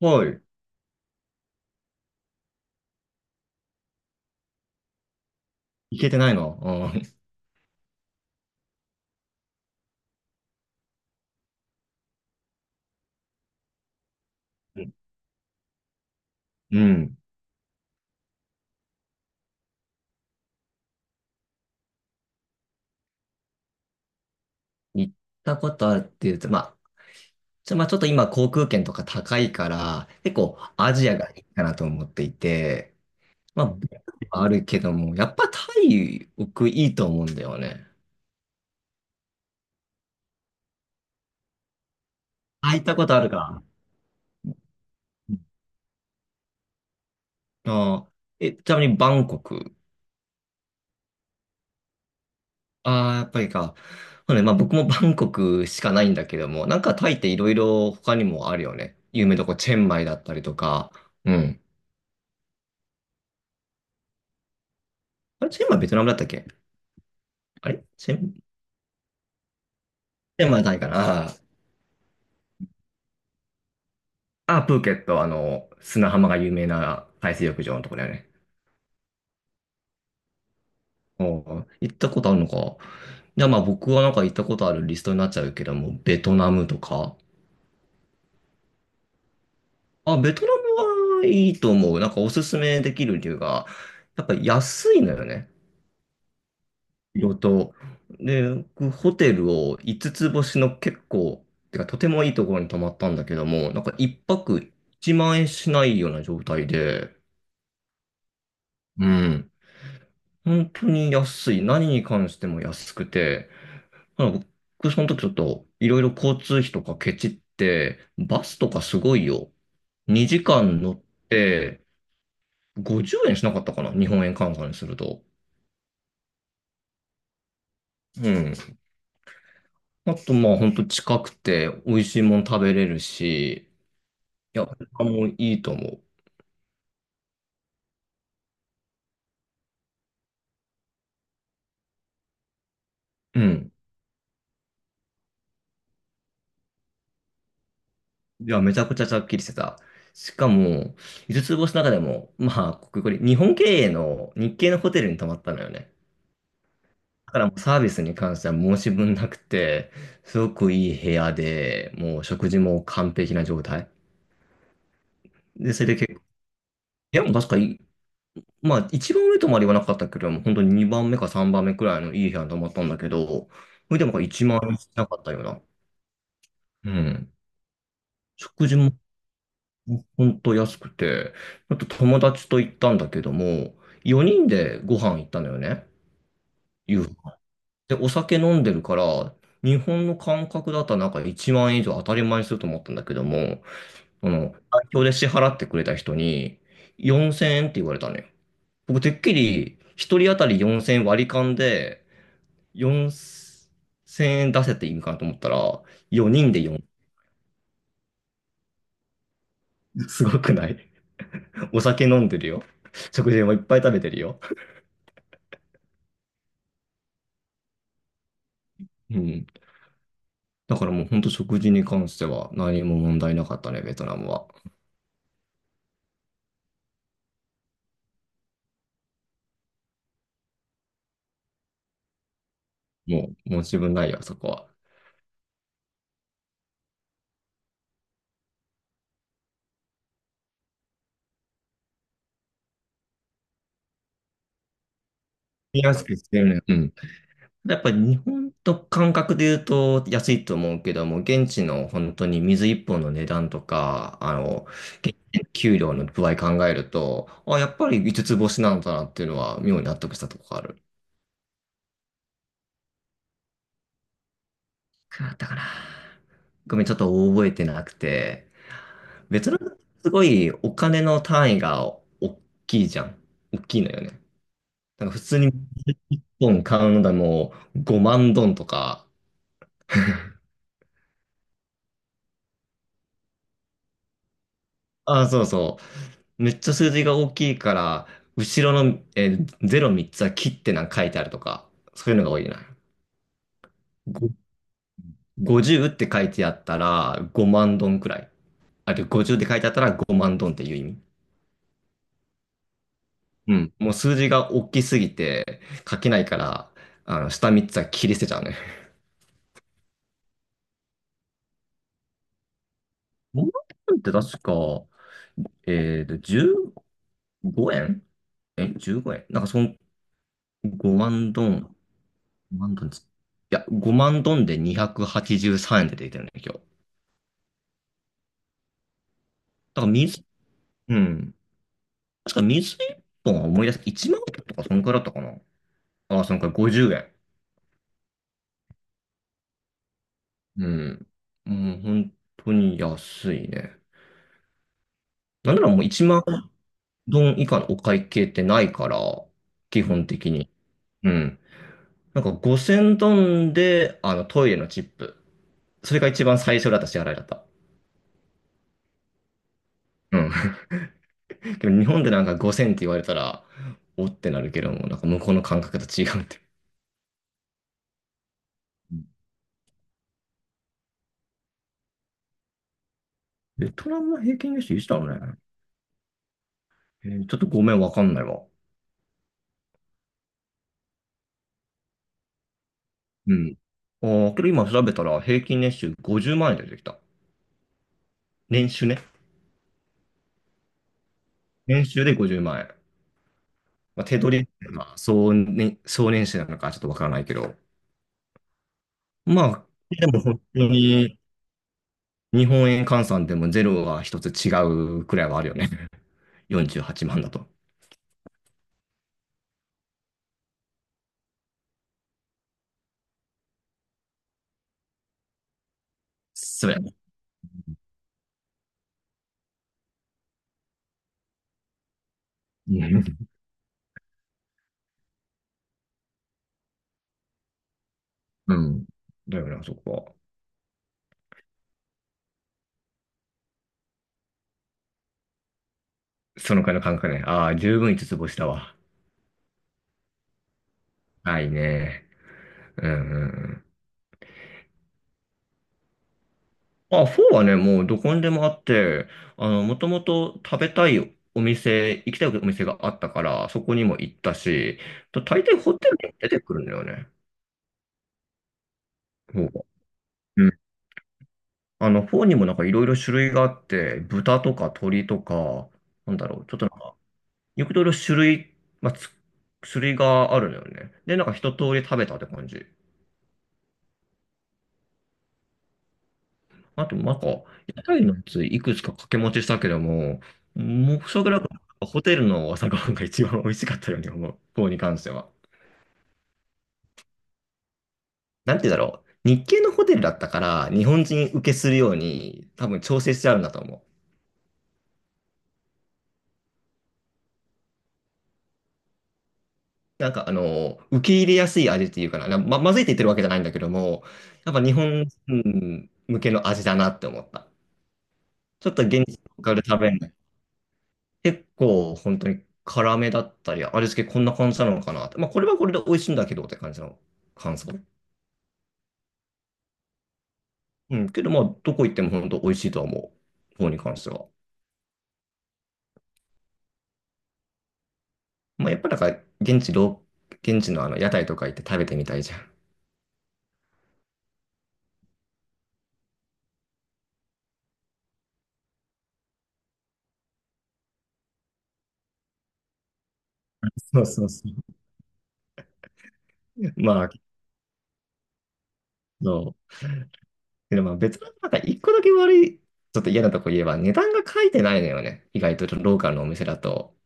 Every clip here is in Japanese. はい。行けてないの。うん。うん、行ったことあるっていうと、まあ、まあ、ちょっと今航空券とか高いから、結構アジアがいいかなと思っていて、まあ、ベトナムはあるけども、やっぱタイ、僕いいと思うんだよね。あ、行ったことあるか。うん、あえ、ちなみにバンコク。ああ、やっぱりか。そうね、まあ僕もバンコクしかないんだけども、なんかタイっていろいろ他にもあるよね。有名どこ、チェンマイだったりとか。うん。あれ、チェンマイ、ベトナムだったっけ？あれ、チェンピンマイじゃないかな。あーあー、プーケット、砂浜が有名な海水浴場のところだよね。おー、行ったことあるのか。じゃあまあ僕はなんか行ったことあるリストになっちゃうけども、ベトナムとか。あ、ベトナムはいいと思う。なんかおすすめできる理由が、やっぱり安いのよね。色と。で、僕ホテルを5つつ星の結構、てかとてもいいところに泊まったんだけども、なんか1泊1万円しないような状態で、うん。本当に安い。何に関しても安くて、なんか僕その時ちょっといろいろ交通費とかケチって、バスとかすごいよ。2時間乗って50円しなかったかな。日本円換算にすると。うん。あとまあ本当近くて美味しいもん食べれるし、いや、もういいと思う。うん。いや、めちゃくちゃちゃっきりしてた。しかも、五つ星の中でも、まあ、これ日本経営の日系のホテルに泊まったのよね。だからもうサービスに関しては申し分なくて、すごくいい部屋で、もう食事も完璧な状態。で、それで結構、部屋も確かいい、まあ一番上とまではわなかったけど、もう本当に2番目か3番目くらいのいい部屋に泊まったんだけど、それでもなんか1万円しなかったような。うん。食事も本当安くて、あと友達と行ったんだけども、4人でご飯行ったのよね。夕飯。で、お酒飲んでるから、日本の感覚だったらなんか1万円以上当たり前にすると思ったんだけども、代表で支払ってくれた人に4000円って言われたのよ。僕、てっきり1人当たり4000円割り勘で4000円出せって意味かなと思ったら、4人で4、すごくない？ お酒飲んでるよ。食事もいっぱい食べてるよ。うん。だからもう本当食事に関しては何も問題なかったね、ベトナムは。もう自分ないよ、そこは。見やすくしてるね。うん。やっぱり日本と感覚で言うと安いと思うけども、現地の本当に水一本の値段とか、現地の給料の具合考えると、あ、やっぱり五つ星なんだなっていうのは妙に納得したとこがある。いくらだったかな。ごめん、ちょっと覚えてなくて、別のすごいお金の単位が大きいじゃん。大きいのよね。なんか普通に一本買うのでも5万ドンとか、あ、そうそう。めっちゃ数字が大きいから、後ろの、03つは切ってなんか書いてあるとか、そういうのが多いな。ご50って書いてあったら5万ドンくらい。あるいは50って書いてあったら5万ドンっていう意味。うん。もう数字が大きすぎて書けないから、下3つは切り捨てちゃうね。5万って確か、15円、え？ 15 円、なんかその5万ドン、5万ドンついや、5万ドンで283円で出てるね、今日。だから、うん。確か水一本は思い出す。1万円とかそんくらいだったかな。ああ、そんくらい50円。うん。もう本当に安いね。なんならもう1万ドン以下のお会計ってないから、基本的に。うん。なんか5000ドンで、トイレのチップ。それが一番最初だった支払いだった。うん。でも日本でなんか5000って言われたら、おってなるけども、なんか向こうの感覚と違うって。ベトナムの平均年収いつだろうね。ちょっとごめん、わかんないわ。うん。ああ、けど今調べたら平均年収50万円で出てきた。年収ね。年収で50万円。まあ、手取り、まあ、総年収なのかちょっとわからないけど。まあ、でも本当に日本円換算でもゼロは一つ違うくらいはあるよね。48万だと。そうやね。うん。うんだよな、そこは。そのくらいの感覚ね。ああ、十分五つ星だわ。ないね。うんうんうん。あ、フォーはね、もうどこにでもあって、もともと食べたいお店、行きたいお店があったから、そこにも行ったし、と大抵ホテルにも出てくるんだよね、フォーが。うん。フォーにもなんかいろいろ種類があって、豚とか鶏とか、なんだろう、ちょっとなんか、いろいろ種類、まあ、つ種類があるのよね。で、なんか一通り食べたって感じ。あと、なんか、屋台のやついくつか掛け持ちしたけども、もう、それぐらいかな、ホテルの朝ごはんが一番美味しかったように思う。方に関しては。なんて言うんだろう。日系のホテルだったから、日本人受けするように、多分調整してあるんだと思う。なんか、受け入れやすい味っていうかな。まずいって言ってるわけじゃないんだけども、やっぱ日本人向けの味だなって思った。ちょっと現地で食べる結構本当に辛めだったり、味付けこんな感じなのかなって。まあこれはこれで美味しいんだけどって感じの感想。うん。けどまあどこ行っても本当美味しいとは思う。方に関しては。まあやっぱなんか現地ロ現地のあの屋台とか行って食べてみたいじゃん。そうそうそう。まあ、そう。でもまあ別のなんか一個だけ悪い、ちょっと嫌なとこ言えば値段が書いてないのよね。意外とローカルのお店だと。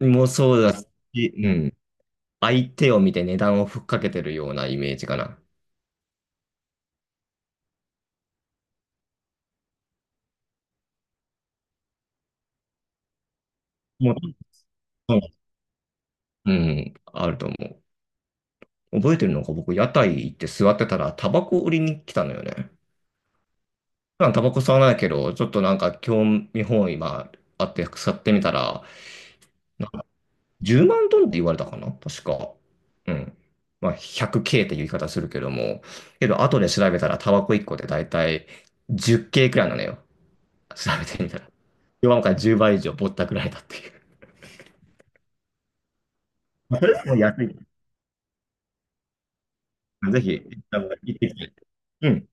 もうそうだし、うん。相手を見て値段をふっかけてるようなイメージかな。もう、うん、あると思う。覚えてるのが僕、屋台行って座ってたら、タバコ売りに来たのよね。普段タバコ吸わないけど、ちょっとなんか興味本位があって吸ってみたら、なんか10万ドルって言われたかな確か。うん。まあ 100K っていう言い方するけども、けど後で調べたらタバコ1個でだいたい 10K くらいなのよ。調べてみたら。よんから10倍以上ぼったくられたっていう。もう安い。ぜひ、行ってきて。うん。